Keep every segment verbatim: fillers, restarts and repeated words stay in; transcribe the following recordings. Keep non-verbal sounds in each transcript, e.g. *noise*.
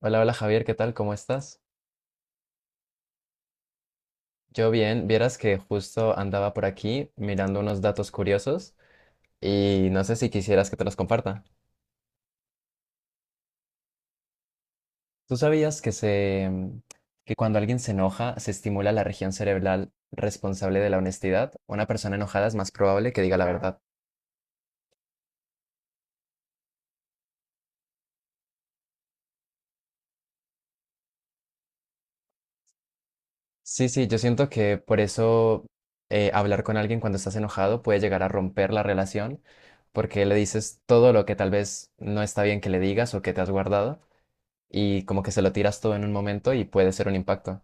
Hola, hola Javier, ¿qué tal? ¿Cómo estás? Yo bien, vieras que justo andaba por aquí mirando unos datos curiosos y no sé si quisieras que te los comparta. ¿Tú sabías que se mm, que cuando alguien se enoja se estimula la región cerebral responsable de la honestidad? Una persona enojada es más probable que diga la verdad. Sí, sí, yo siento que por eso eh, hablar con alguien cuando estás enojado puede llegar a romper la relación porque le dices todo lo que tal vez no está bien que le digas o que te has guardado. Y como que se lo tiras todo en un momento y puede ser un impacto.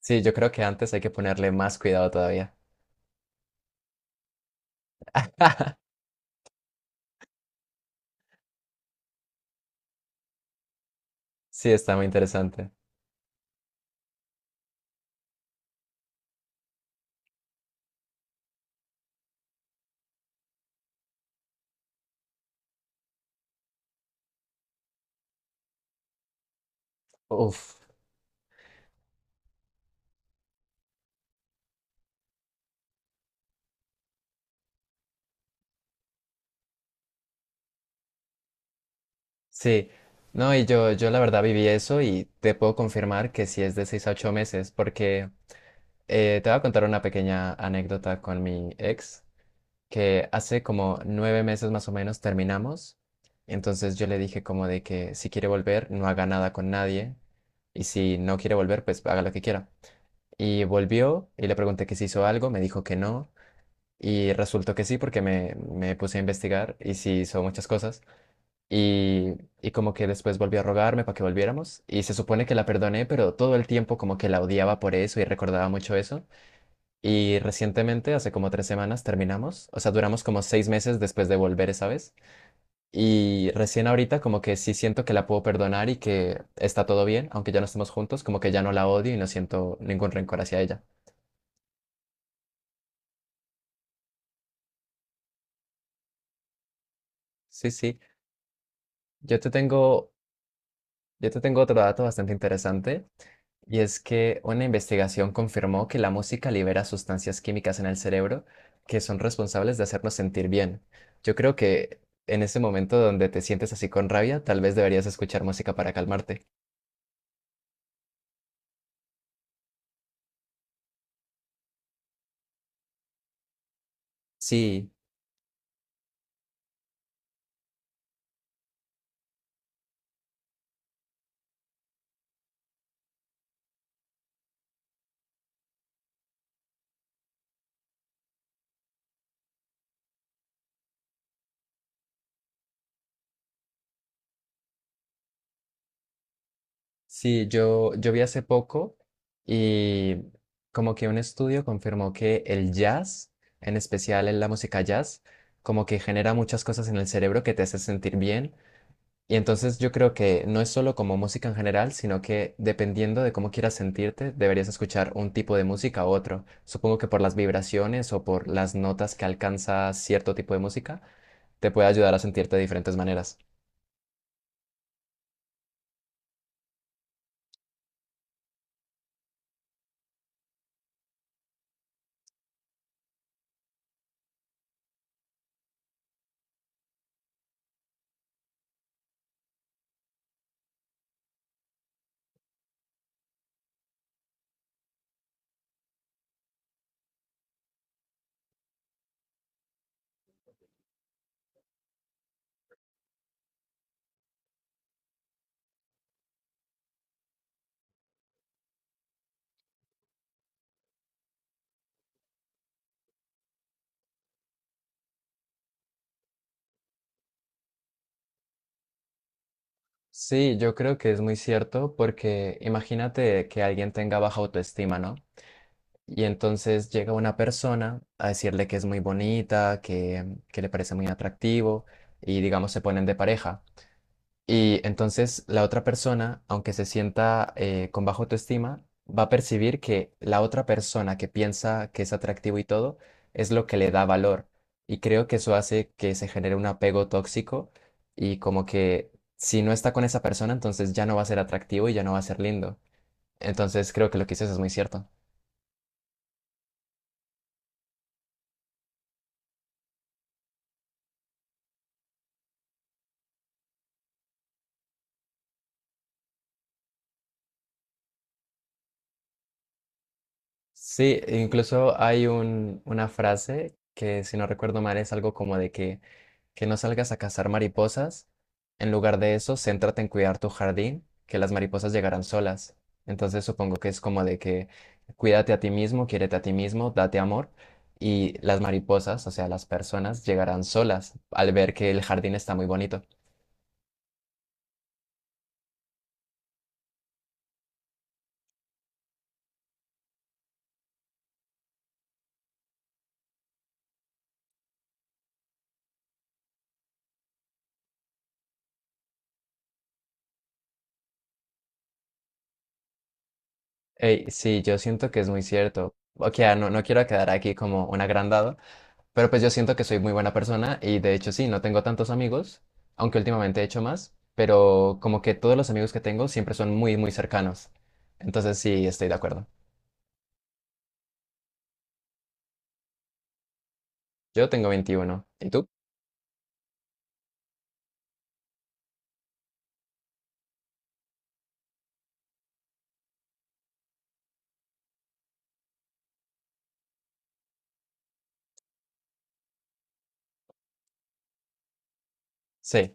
Sí, yo creo que antes hay que ponerle más cuidado todavía. *laughs* Sí, está muy interesante. Uf, sí. No, y yo, yo la verdad viví eso y te puedo confirmar que sí es de seis a ocho meses, porque eh, te voy a contar una pequeña anécdota con mi ex, que hace como nueve meses más o menos terminamos. Entonces yo le dije como de que si quiere volver, no haga nada con nadie, y si no quiere volver, pues haga lo que quiera. Y volvió y le pregunté que si hizo algo, me dijo que no. Y resultó que sí, porque me, me puse a investigar y sí hizo muchas cosas. Y, y como que después volvió a rogarme para que volviéramos. Y se supone que la perdoné, pero todo el tiempo como que la odiaba por eso y recordaba mucho eso. Y recientemente, hace como tres semanas, terminamos. O sea, duramos como seis meses después de volver esa vez. Y recién ahorita como que sí siento que la puedo perdonar y que está todo bien, aunque ya no estemos juntos, como que ya no la odio y no siento ningún rencor hacia ella. Sí, sí. Yo te tengo, yo te tengo otro dato bastante interesante, y es que una investigación confirmó que la música libera sustancias químicas en el cerebro que son responsables de hacernos sentir bien. Yo creo que en ese momento donde te sientes así con rabia, tal vez deberías escuchar música para calmarte. Sí, sí, yo, yo vi hace poco y como que un estudio confirmó que el jazz, en especial en la música jazz, como que genera muchas cosas en el cerebro que te hace sentir bien. Y entonces yo creo que no es solo como música en general, sino que dependiendo de cómo quieras sentirte, deberías escuchar un tipo de música u otro. Supongo que por las vibraciones o por las notas que alcanza cierto tipo de música, te puede ayudar a sentirte de diferentes maneras. Sí, yo creo que es muy cierto porque imagínate que alguien tenga baja autoestima, ¿no? Y entonces llega una persona a decirle que es muy bonita, que, que le parece muy atractivo, y digamos se ponen de pareja. Y entonces la otra persona, aunque se sienta eh, con baja autoestima, va a percibir que la otra persona que piensa que es atractivo y todo es lo que le da valor. Y creo que eso hace que se genere un apego tóxico, y como que si no está con esa persona, entonces ya no va a ser atractivo y ya no va a ser lindo. Entonces creo que lo que dices es muy cierto. Sí, incluso hay un, una frase que, si no recuerdo mal, es algo como de que, que no salgas a cazar mariposas. En lugar de eso, céntrate en cuidar tu jardín, que las mariposas llegarán solas. Entonces supongo que es como de que cuídate a ti mismo, quiérete a ti mismo, date amor, y las mariposas, o sea, las personas, llegarán solas al ver que el jardín está muy bonito. Ey, sí, yo siento que es muy cierto. Ok, ah, no, no quiero quedar aquí como un agrandado, pero pues yo siento que soy muy buena persona y de hecho sí, no tengo tantos amigos, aunque últimamente he hecho más, pero como que todos los amigos que tengo siempre son muy, muy cercanos. Entonces sí, estoy de acuerdo. Yo tengo veintiuno. ¿Y tú? Sí.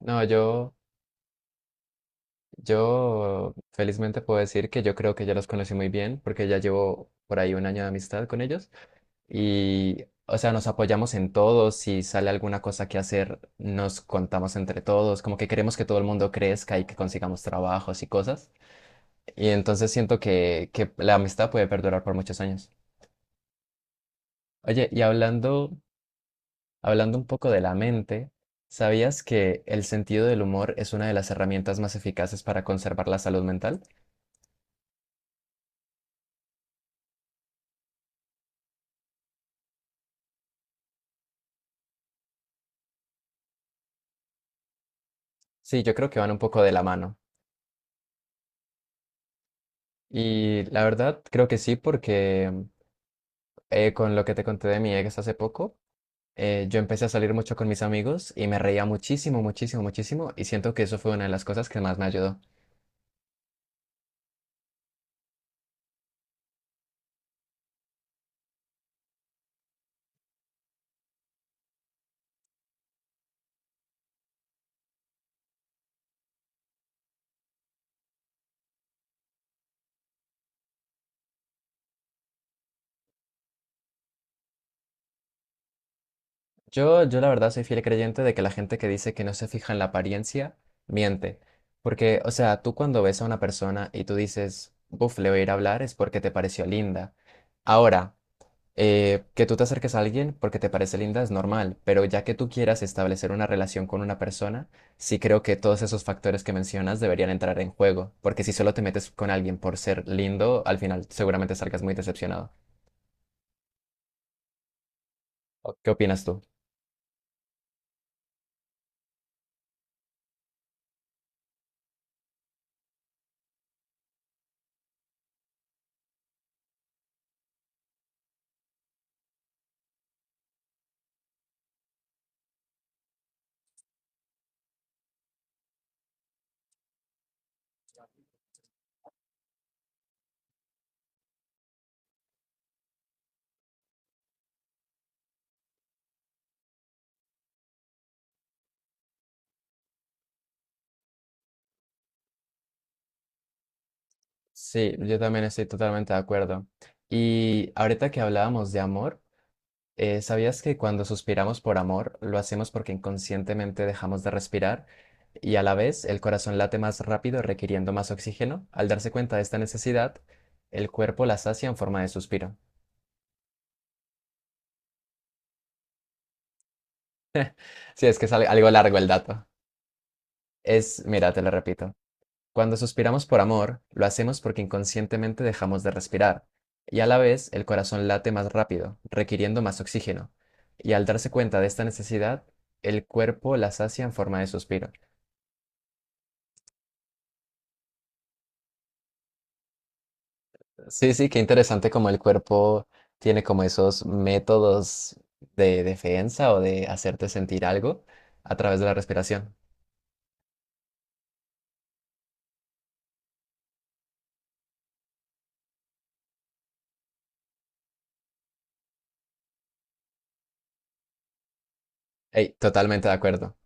No, yo, yo felizmente puedo decir que yo creo que ya los conocí muy bien porque ya llevo por ahí un año de amistad con ellos y, o sea, nos apoyamos en todo. Si sale alguna cosa que hacer, nos contamos entre todos, como que queremos que todo el mundo crezca y que consigamos trabajos y cosas. Y entonces siento que, que la amistad puede perdurar por muchos años. Oye, y hablando, hablando un poco de la mente, ¿sabías que el sentido del humor es una de las herramientas más eficaces para conservar la salud mental? Sí, yo creo que van un poco de la mano. Y la verdad, creo que sí, porque eh, con lo que te conté de mi ex hace poco, eh, yo empecé a salir mucho con mis amigos y me reía muchísimo, muchísimo, muchísimo, y siento que eso fue una de las cosas que más me ayudó. Yo, yo la verdad soy fiel creyente de que la gente que dice que no se fija en la apariencia, miente. Porque, o sea, tú cuando ves a una persona y tú dices, buf, le voy a ir a hablar, es porque te pareció linda. Ahora, eh, que tú te acerques a alguien porque te parece linda es normal, pero ya que tú quieras establecer una relación con una persona, sí creo que todos esos factores que mencionas deberían entrar en juego. Porque si solo te metes con alguien por ser lindo, al final seguramente salgas muy decepcionado. ¿O ¿Qué opinas tú? Sí, yo también estoy totalmente de acuerdo. Y ahorita que hablábamos de amor, eh, ¿sabías que cuando suspiramos por amor, lo hacemos porque inconscientemente dejamos de respirar y a la vez el corazón late más rápido requiriendo más oxígeno? Al darse cuenta de esta necesidad, el cuerpo la sacia en forma de suspiro. Sí, es que es al- algo largo el dato. Es, mira, te lo repito. Cuando suspiramos por amor, lo hacemos porque inconscientemente dejamos de respirar, y a la vez el corazón late más rápido, requiriendo más oxígeno, y al darse cuenta de esta necesidad, el cuerpo la sacia en forma de suspiro. Sí, sí, qué interesante como el cuerpo tiene como esos métodos de defensa o de hacerte sentir algo a través de la respiración. Ey, totalmente de acuerdo.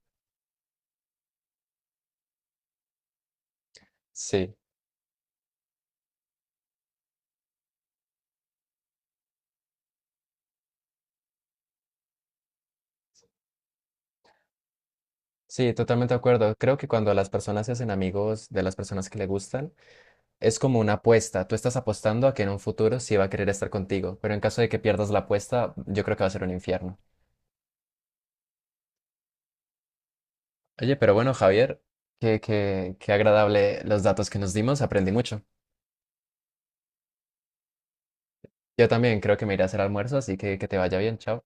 Sí, sí, totalmente de acuerdo. Creo que cuando las personas se hacen amigos de las personas que le gustan, es como una apuesta. Tú estás apostando a que en un futuro sí va a querer estar contigo, pero en caso de que pierdas la apuesta, yo creo que va a ser un infierno. Oye, pero bueno, Javier, qué, qué, qué agradable los datos que nos dimos, aprendí mucho. Yo también creo que me iré a hacer almuerzo, así que que te vaya bien, chao.